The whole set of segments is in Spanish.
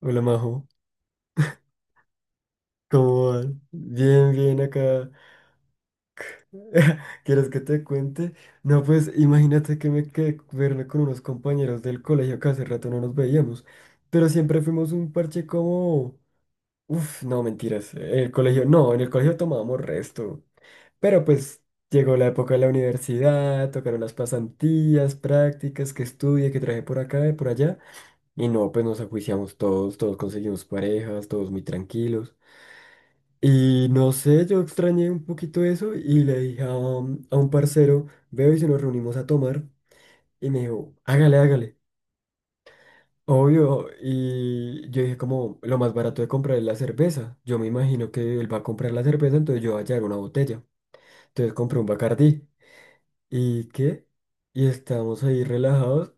Hola Majo, ¿cómo vas? Bien, bien acá. ¿Quieres que te cuente? No, pues imagínate que me quedé verme con unos compañeros del colegio que hace rato no nos veíamos, pero siempre fuimos un parche como... Uf, no, mentiras. En el colegio, no, en el colegio tomábamos resto, pero pues llegó la época de la universidad, tocaron las pasantías, prácticas, que estudié, que traje por acá y por allá, y no, pues nos ajuiciamos todos, todos conseguimos parejas, todos muy tranquilos. Y no sé, yo extrañé un poquito eso y le dije a un parcero, veo y si nos reunimos a tomar. Y me dijo, hágale, hágale. Obvio. Y yo dije, como lo más barato de comprar es la cerveza. Yo me imagino que él va a comprar la cerveza, entonces yo voy a llevar una botella. Entonces compré un Bacardí. ¿Y qué? Y estábamos ahí relajados.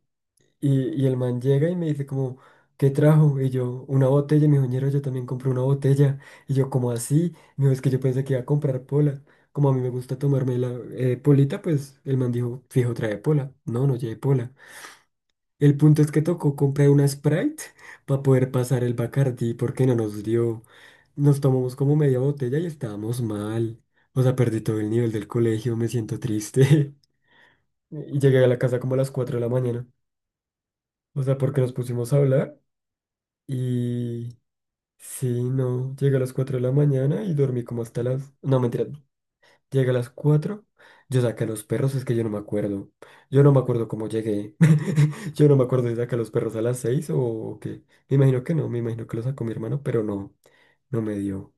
Y el man llega y me dice como, ¿qué trajo? Y yo, una botella. Y me dijo, ñero, yo también compré una botella. Y yo, como así? Me dijo, es que yo pensé que iba a comprar pola. Como a mí me gusta tomarme la polita, pues el man dijo, fijo, trae pola. No, no lleve pola. El punto es que tocó comprar una Sprite para poder pasar el Bacardi porque no nos dio. Nos tomamos como media botella y estábamos mal. O sea, perdí todo el nivel del colegio, me siento triste. Y llegué a la casa como a las 4 de la mañana. O sea, porque nos pusimos a hablar. Y sí, no, llegué a las 4 de la mañana y dormí como hasta las... No, mentira, llegué a las 4, yo saqué a los perros, es que yo no me acuerdo. Yo no me acuerdo cómo llegué. Yo no me acuerdo si saqué a los perros a las 6 o qué. Me imagino que no, me imagino que los sacó mi hermano, pero no, no me dio.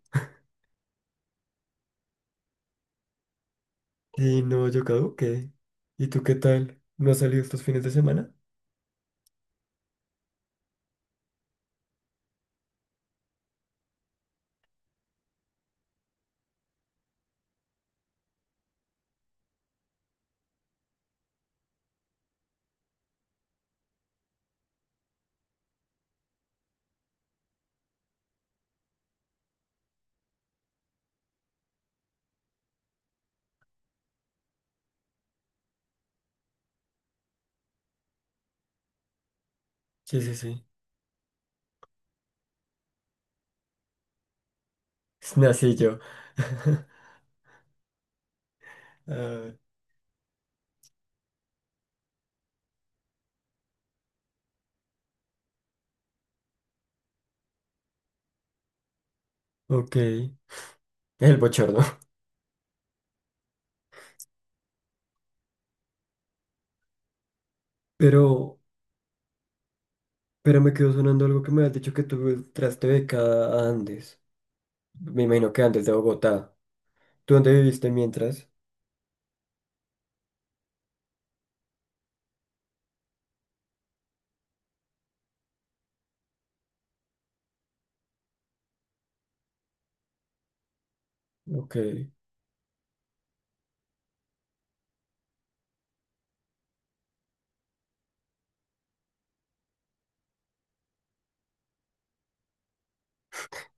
Y no, yo caduqué. ¿Y tú qué tal? ¿No has salido estos fines de semana? Sí, sí, sí. Nací yo. Ah, ok, el bochorno. Pero... Pero me quedó sonando algo que me has dicho que tú entraste becada a Andes. Me imagino que Andes de Bogotá. ¿Tú dónde viviste mientras? Ok.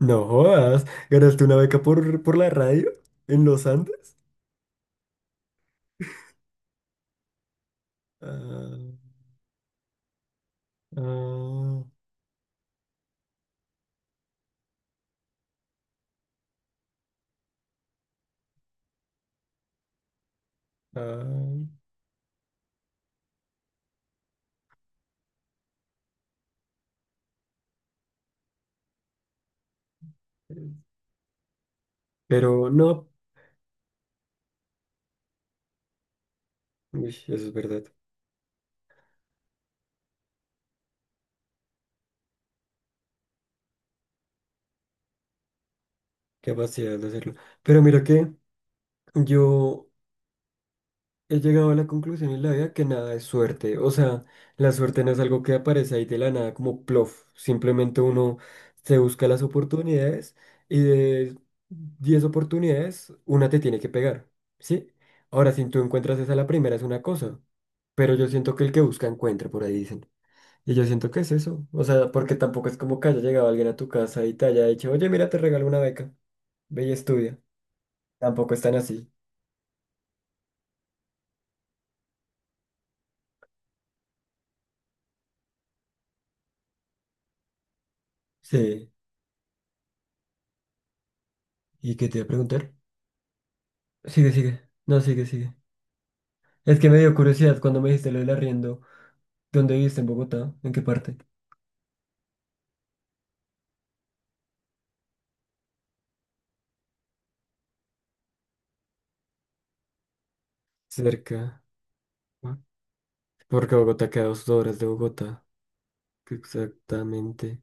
No jodas. ¿Ganaste una beca por la radio? ¿En los Andes? Ah, ah, ah. Pero no. Uy, eso es verdad. Qué capacidad de hacerlo. Pero mira que yo he llegado a la conclusión en la vida que nada es suerte. O sea, la suerte no es algo que aparece ahí de la nada como plof. Simplemente uno se busca las oportunidades y de 10 oportunidades, una te tiene que pegar. ¿Sí? Ahora, si tú encuentras esa la primera es una cosa, pero yo siento que el que busca encuentra, por ahí dicen. Y yo siento que es eso. O sea, porque tampoco es como que haya llegado alguien a tu casa y te haya dicho, oye, mira, te regalo una beca, ve y estudia. Tampoco están así. Sí. ¿Y qué te iba a preguntar? Sigue, sigue. No, sigue, sigue. Es que me dio curiosidad cuando me dijiste lo del arriendo. ¿Dónde viviste en Bogotá? ¿En qué parte? Cerca, ¿no? Porque Bogotá queda a 2 horas de Bogotá, exactamente.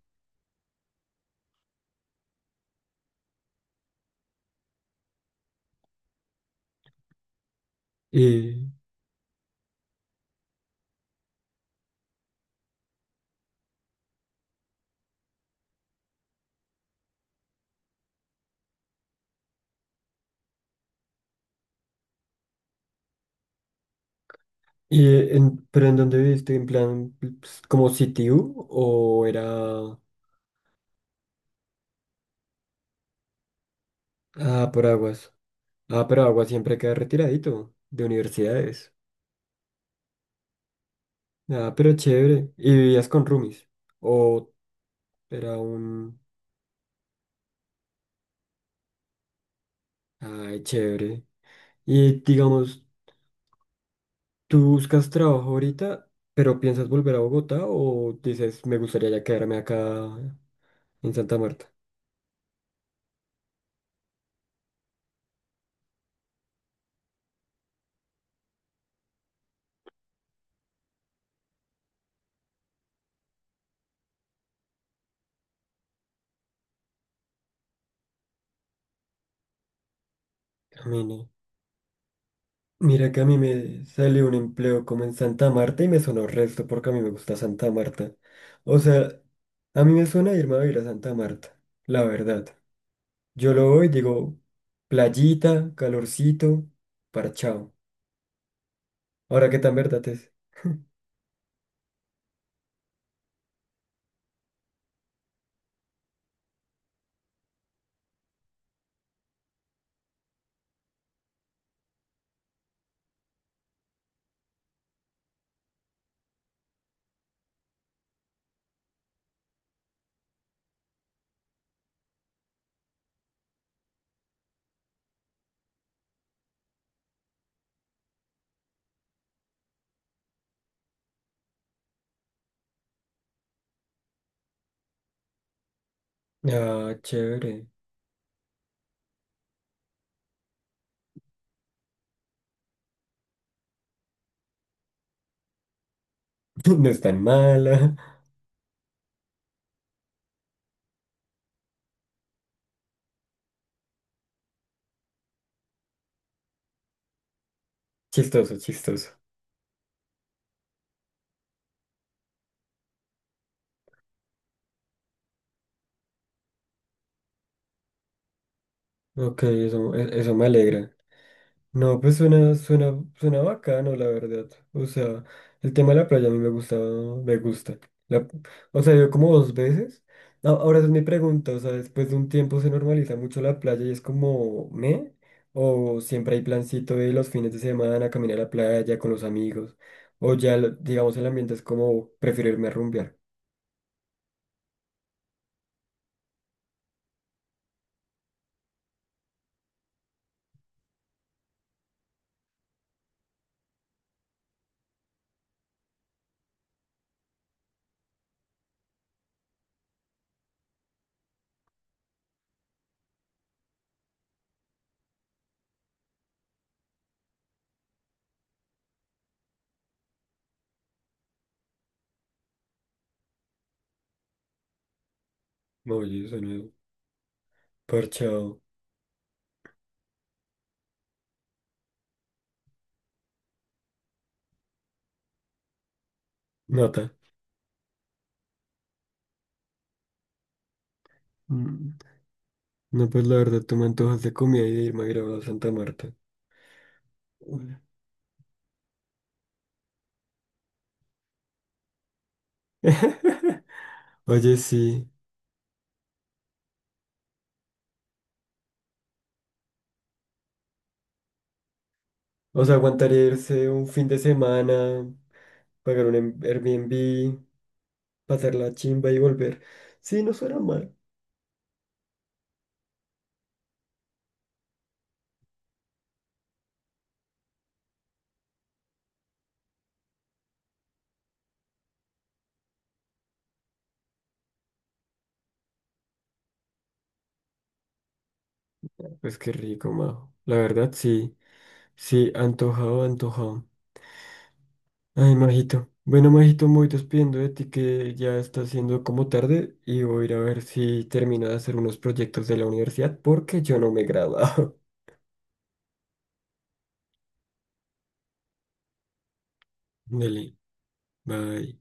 Y, y en, pero ¿en dónde viviste? ¿En plan, pues, como sitio o era ah, por Aguas? Ah, pero Aguas siempre queda retiradito de universidades. Ah, pero chévere. ¿Y vivías con roomies? ¿O era un... Ay, chévere. Y digamos... ¿Tú buscas trabajo ahorita, pero piensas volver a Bogotá o dices, me gustaría ya quedarme acá en Santa Marta? Camine. Mira que a mí me salió un empleo como en Santa Marta y me sonó resto porque a mí me gusta Santa Marta. O sea, a mí me suena irme a vivir a Santa Marta, la verdad. Yo lo voy, digo, playita, calorcito, parchao. Ahora, ¿qué tan verdad es? Ah, chévere. No es tan mala. Chistoso, chistoso. Ok, eso me alegra. No, pues suena, suena, suena bacano, la verdad. O sea, el tema de la playa a mí me gusta, me gusta. La- o sea, yo como 2 veces. Ahora esa es mi pregunta, o sea, después de un tiempo se normaliza mucho la playa y es como, ¿me? O siempre hay plancito de los fines de semana, caminar a la playa con los amigos. O ya, digamos, el ambiente es como, prefiero irme a rumbear. Oye, suena parchado. Nota. Mm, no, pues la verdad, tú me antojas de comida y de irme a grabar a Santa Marta. Hola. Oye, sí. O sea, aguantaría irse un fin de semana, pagar un Airbnb, pasar la chimba y volver. Sí, no suena mal. Pues qué rico, Majo. La verdad, sí. Sí, antojado, antojado. Ay, Majito. Bueno, Majito, me voy despidiendo de ti que ya está siendo como tarde y voy a ir a ver si termino de hacer unos proyectos de la universidad porque yo no me he graduado. Dele, bye.